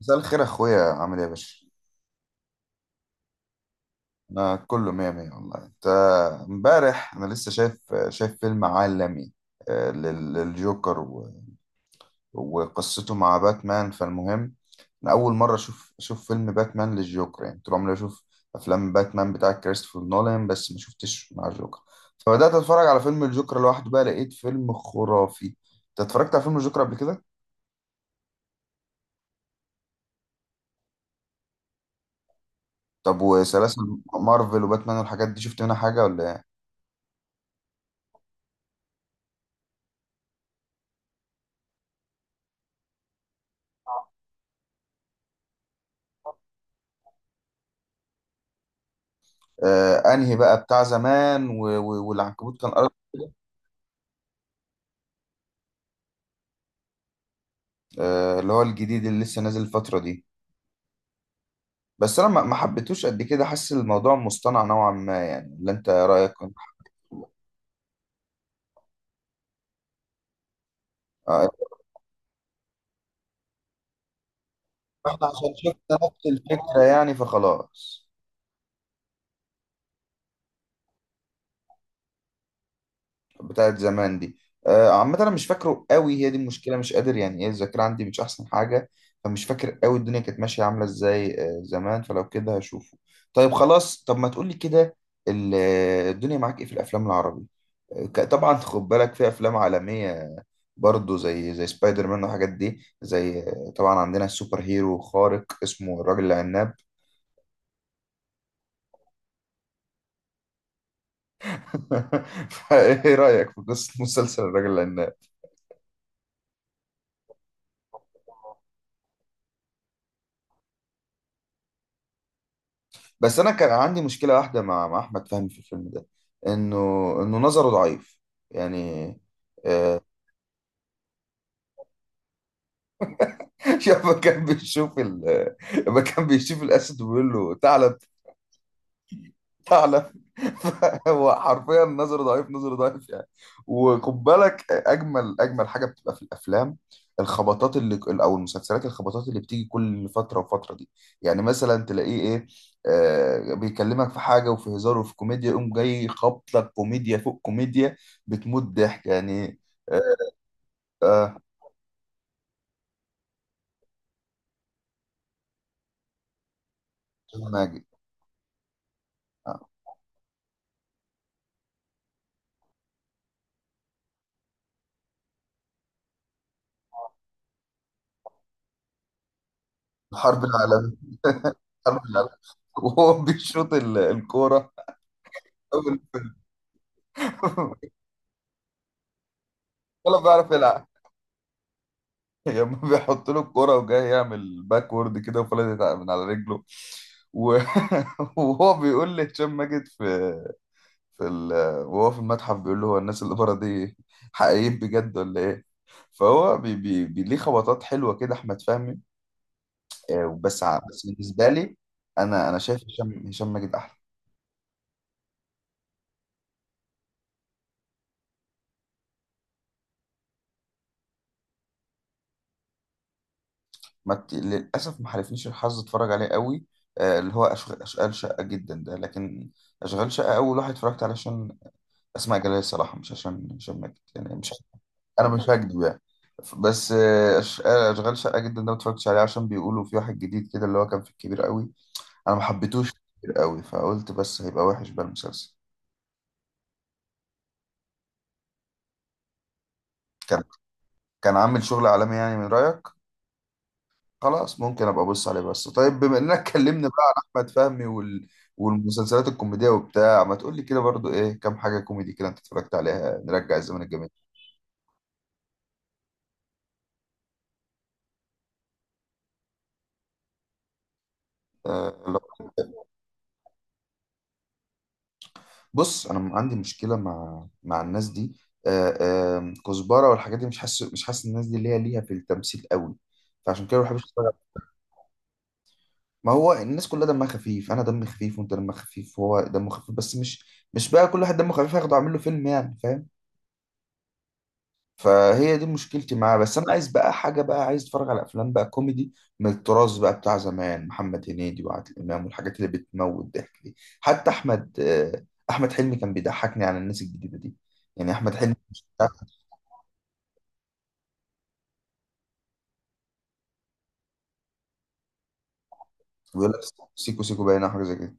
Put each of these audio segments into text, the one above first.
مساء الخير يا اخويا، عامل ايه يا باشا؟ انا كله مية مية والله. انت، امبارح انا لسه شايف فيلم عالمي. للجوكر وقصته مع باتمان. فالمهم انا اول مرة اشوف فيلم باتمان للجوكر، يعني طول عمري اشوف افلام باتمان بتاع كريستوفر نولان بس ما شفتش مع الجوكر. فبدأت اتفرج على فيلم الجوكر لوحده، بقى لقيت فيلم خرافي. انت اتفرجت على فيلم الجوكر قبل كده؟ طب وسلاسل مارفل وباتمان والحاجات دي شفت منها حاجة ولا إيه؟ آه، انهي بقى بتاع زمان والعنكبوت كان أرض. آه، اللي هو الجديد اللي لسه نازل الفترة دي. بس انا ما حبيتوش قد كده، حاسس الموضوع مصطنع نوعا ما، يعني اللي انت رأيك كنت، آه. احنا عشان شفنا نفس الفكرة يعني فخلاص. بتاعت زمان دي. عامة أنا مش فاكره قوي، هي دي المشكلة، مش قادر، يعني إيه، الذاكرة عندي مش أحسن حاجة. فمش فاكر قوي الدنيا كانت ماشية عاملة إزاي، زمان، فلو كده هشوفه. طيب خلاص، طب ما تقولي كده. ال- الدنيا معاك إيه في الأفلام العربي؟ طبعا خد بالك، في أفلام عالمية برضه زي سبايدر مان والحاجات دي، زي طبعا عندنا السوبر هيرو خارق اسمه الراجل العناب. فإيه رأيك في قصة مسلسل الراجل العناب؟ بس انا كان عندي مشكله واحده مع احمد فهمي في الفيلم ده، انه انه نظره ضعيف، يعني، آه. يابا كان بيشوف لما كان بيشوف الاسد ويقول له تعالى. فعلا هو حرفيا نظر ضعيف، نظر ضعيف يعني. وخد بالك، اجمل حاجه بتبقى في الافلام، الخبطات اللي او المسلسلات، الخبطات اللي بتيجي كل فتره وفتره دي. يعني مثلا تلاقيه ايه، آه، بيكلمك في حاجه وفي هزار وفي كوميديا، يقوم جاي خبط لك كوميديا فوق كوميديا، بتموت ضحك يعني. آه، ماجد. آه، الحرب العالميه، الحرب العالميه. وهو بيشوط الكوره. أول فيلم. ولا بيعرف يلعب. لما بيحط له الكرة وجاي يعمل باكورد كده وفلتت من على رجله و... وهو بيقول لهشام ماجد في في وهو في المتحف بيقول له هو الناس اللي بره دي حقيقيين بجد ولا ايه؟ فهو ليه خبطات حلوة كده أحمد فهمي. بس بالنسبة لي، أنا شايف هشام ماجد أحلى. ما بت... للأسف ما حالفنيش الحظ أتفرج عليه قوي، آه، اللي هو أشغال شقة جدا ده. لكن أشغال شقة أول واحد اتفرجت عليه عشان اسماء جلال الصراحه، مش عشان هشام ماجد يعني، مش انا مش هكدب يعني. بس اشغال شقه جدا ده ما اتفرجتش عليه، عشان بيقولوا في واحد جديد كده اللي هو كان في الكبير قوي. انا ما حبيتهوش في الكبير قوي، فقلت بس هيبقى وحش بقى المسلسل. كان كان عامل شغل عالمي يعني، من رايك. خلاص ممكن ابقى ابص عليه. بس طيب، بما اننا اتكلمنا بقى عن احمد فهمي والمسلسلات الكوميديه وبتاع، ما تقول لي كده برضو ايه كام حاجه كوميدي كده انت اتفرجت عليها، نرجع الزمن الجميل. أه... لا. بص انا عندي مشكله مع الناس دي، آه، آم، كزبره والحاجات دي، مش حاسس، مش حاسس الناس دي ليها، ليها في التمثيل قوي، فعشان كده ما بحبش اتفرج. ما هو الناس كلها دمها خفيف، انا دمي خفيف وانت دمك خفيف وهو دمه خفيف، بس مش بقى كل واحد دمه خفيف هاخده اعمل له فيلم يعني، فاهم. فهي دي مشكلتي معاه. بس انا عايز بقى حاجه، بقى عايز اتفرج على افلام بقى كوميدي من التراث بقى بتاع زمان، محمد هنيدي وعادل امام والحاجات اللي بتموت ضحك دي، حتى احمد، آه، احمد حلمي كان بيضحكني على الناس الجديده دي. يعني احمد حلمي مش بيقول لك سيكو سيكو باين، أو حاجه زي كده.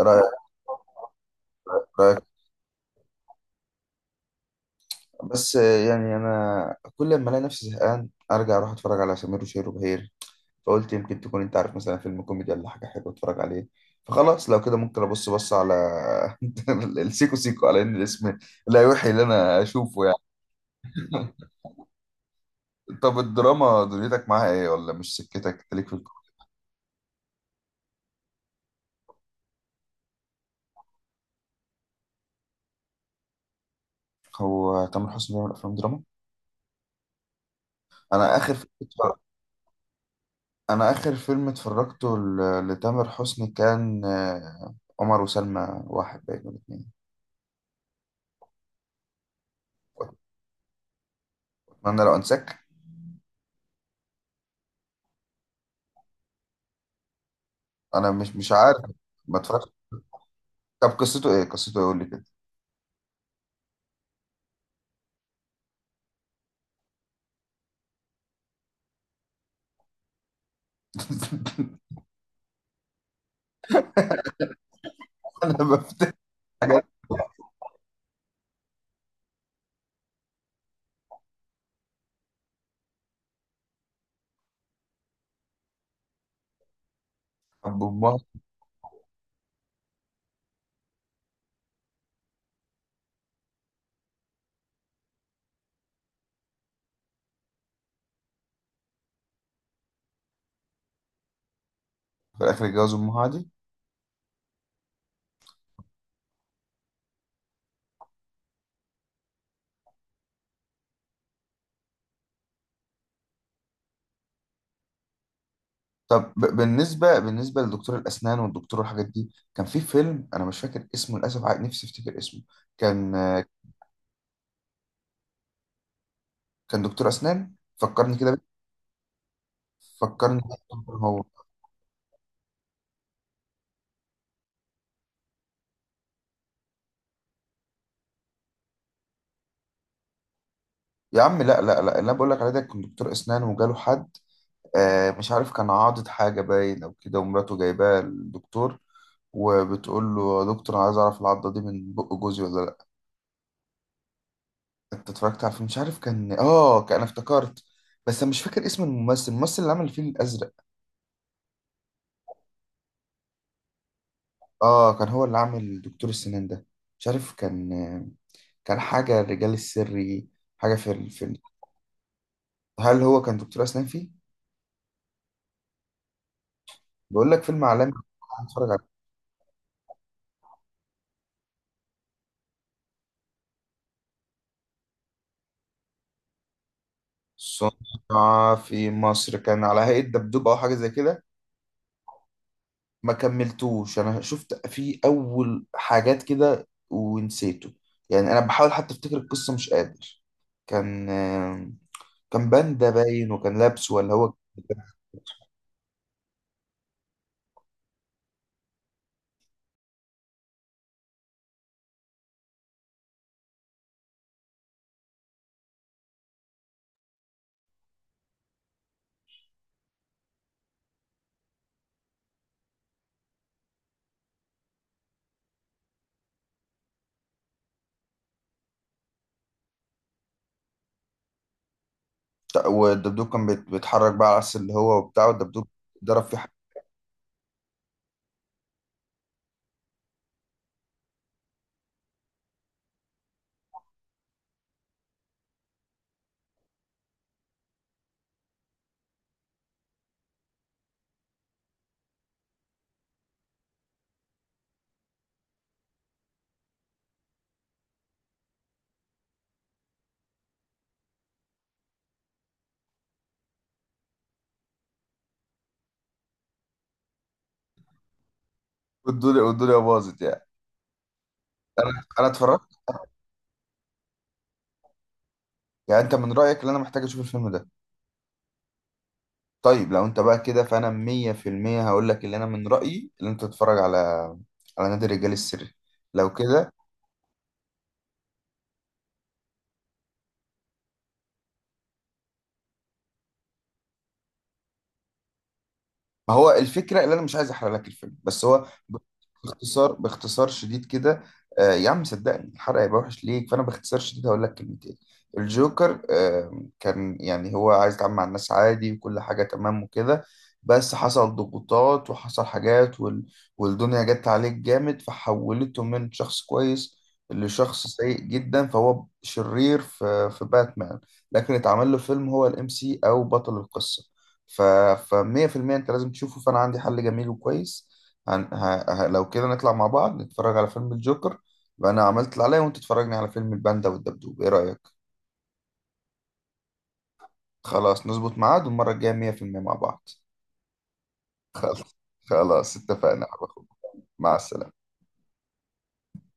رايك. رايك. بس آه، يعني انا كل ما الاقي نفسي زهقان ارجع اروح اتفرج على سمير وشهير وبهير. فقلت يمكن تكون انت عارف مثلا فيلم كوميدي ولا حاجه حلوه اتفرج عليه. فخلاص، لو كده ممكن ابص بص على السيكو سيكو، على ان الاسم لا يوحي اللي انا اشوفه يعني. طب الدراما دنيتك معاها ايه، ولا مش سكتك، انت ليك في هو تامر حسني بيعمل افلام دراما؟ انا اخر فيلم انا اخر فيلم اتفرجته لتامر حسني كان عمر وسلمى واحد باين ولا اتنين. اتمنى لو انساك. انا مش، مش عارف. ما اتفرجتش. طب قصته ايه، قصته ايه، قول لي كده. انا بفتح حاجات. طب وأمها؟ في الاخر اتجوز امها دي. طب بالنسبه، بالنسبه لدكتور الاسنان والدكتور والحاجات دي، كان في فيلم انا مش فاكر اسمه للاسف، نفسي افتكر اسمه. كان كان دكتور اسنان، فكرني كده بيه. فكرني بيه هو. يا عم لا لا لا، اللي انا بقول لك عليه ده كان دكتور اسنان وجاله حد، مش عارف كان عاضد حاجه باين او كده، ومراته جايباه للدكتور وبتقول له يا دكتور انا عايز اعرف العضه دي من بق جوزي ولا. انت اتفرجت على فيلم مش عارف كان اه، كان انا افتكرت. بس انا مش فاكر اسم الممثل، الممثل اللي عمل الفيل الازرق. اه، كان هو اللي عامل دكتور السنان ده. مش عارف كان، كان حاجه الرجال السري، حاجه في الفيلم. هل هو كان دكتور اسنان فيه؟ بقول لك فيلم عالمي. هنتفرج عليه. صنع في مصر كان على هيئه دبدوب، او حاجه زي كده. ما كملتوش، انا شفت فيه اول حاجات كده ونسيته، يعني انا بحاول حتى افتكر القصه مش قادر. كان، كان باندا باين، وكان لابس، ولا هو والدبدوب كان بيتحرك بقى على العكس اللي هو وبتاع والدبدوب ضرب في حد. والدنيا باظت يعني. انا اتفرجت. يعني انت من رايك اللي انا محتاج اشوف الفيلم ده. طيب لو انت بقى كده فانا 100% هقول لك اللي انا من رايي اللي انت تتفرج على، على نادي الرجال السري. لو كده. ما هو الفكره اللي انا مش عايز احرق لك الفيلم، بس هو باختصار، باختصار شديد كده. آه يا عم صدقني، الحرق هيبقى وحش ليك، فانا باختصار شديد هقول لك كلمتين. الجوكر آه كان يعني هو عايز يتعامل مع الناس عادي، وكل حاجه تمام وكده، بس حصل ضغوطات وحصل حاجات والدنيا جت عليه جامد، فحولته من شخص كويس لشخص سيء جدا. فهو شرير في في باتمان، لكن اتعمل له فيلم هو الام سي او بطل القصه. ف 100% انت لازم تشوفه. فانا عندي حل جميل وكويس، لو كده نطلع مع بعض نتفرج على فيلم الجوكر، وانا عملت اللي عليا وانت تتفرجني على فيلم الباندا والدبدوب. ايه رأيك؟ خلاص نظبط ميعاد، والمرة الجاية 100% مع بعض. خلاص اتفقنا على خير. مع السلامة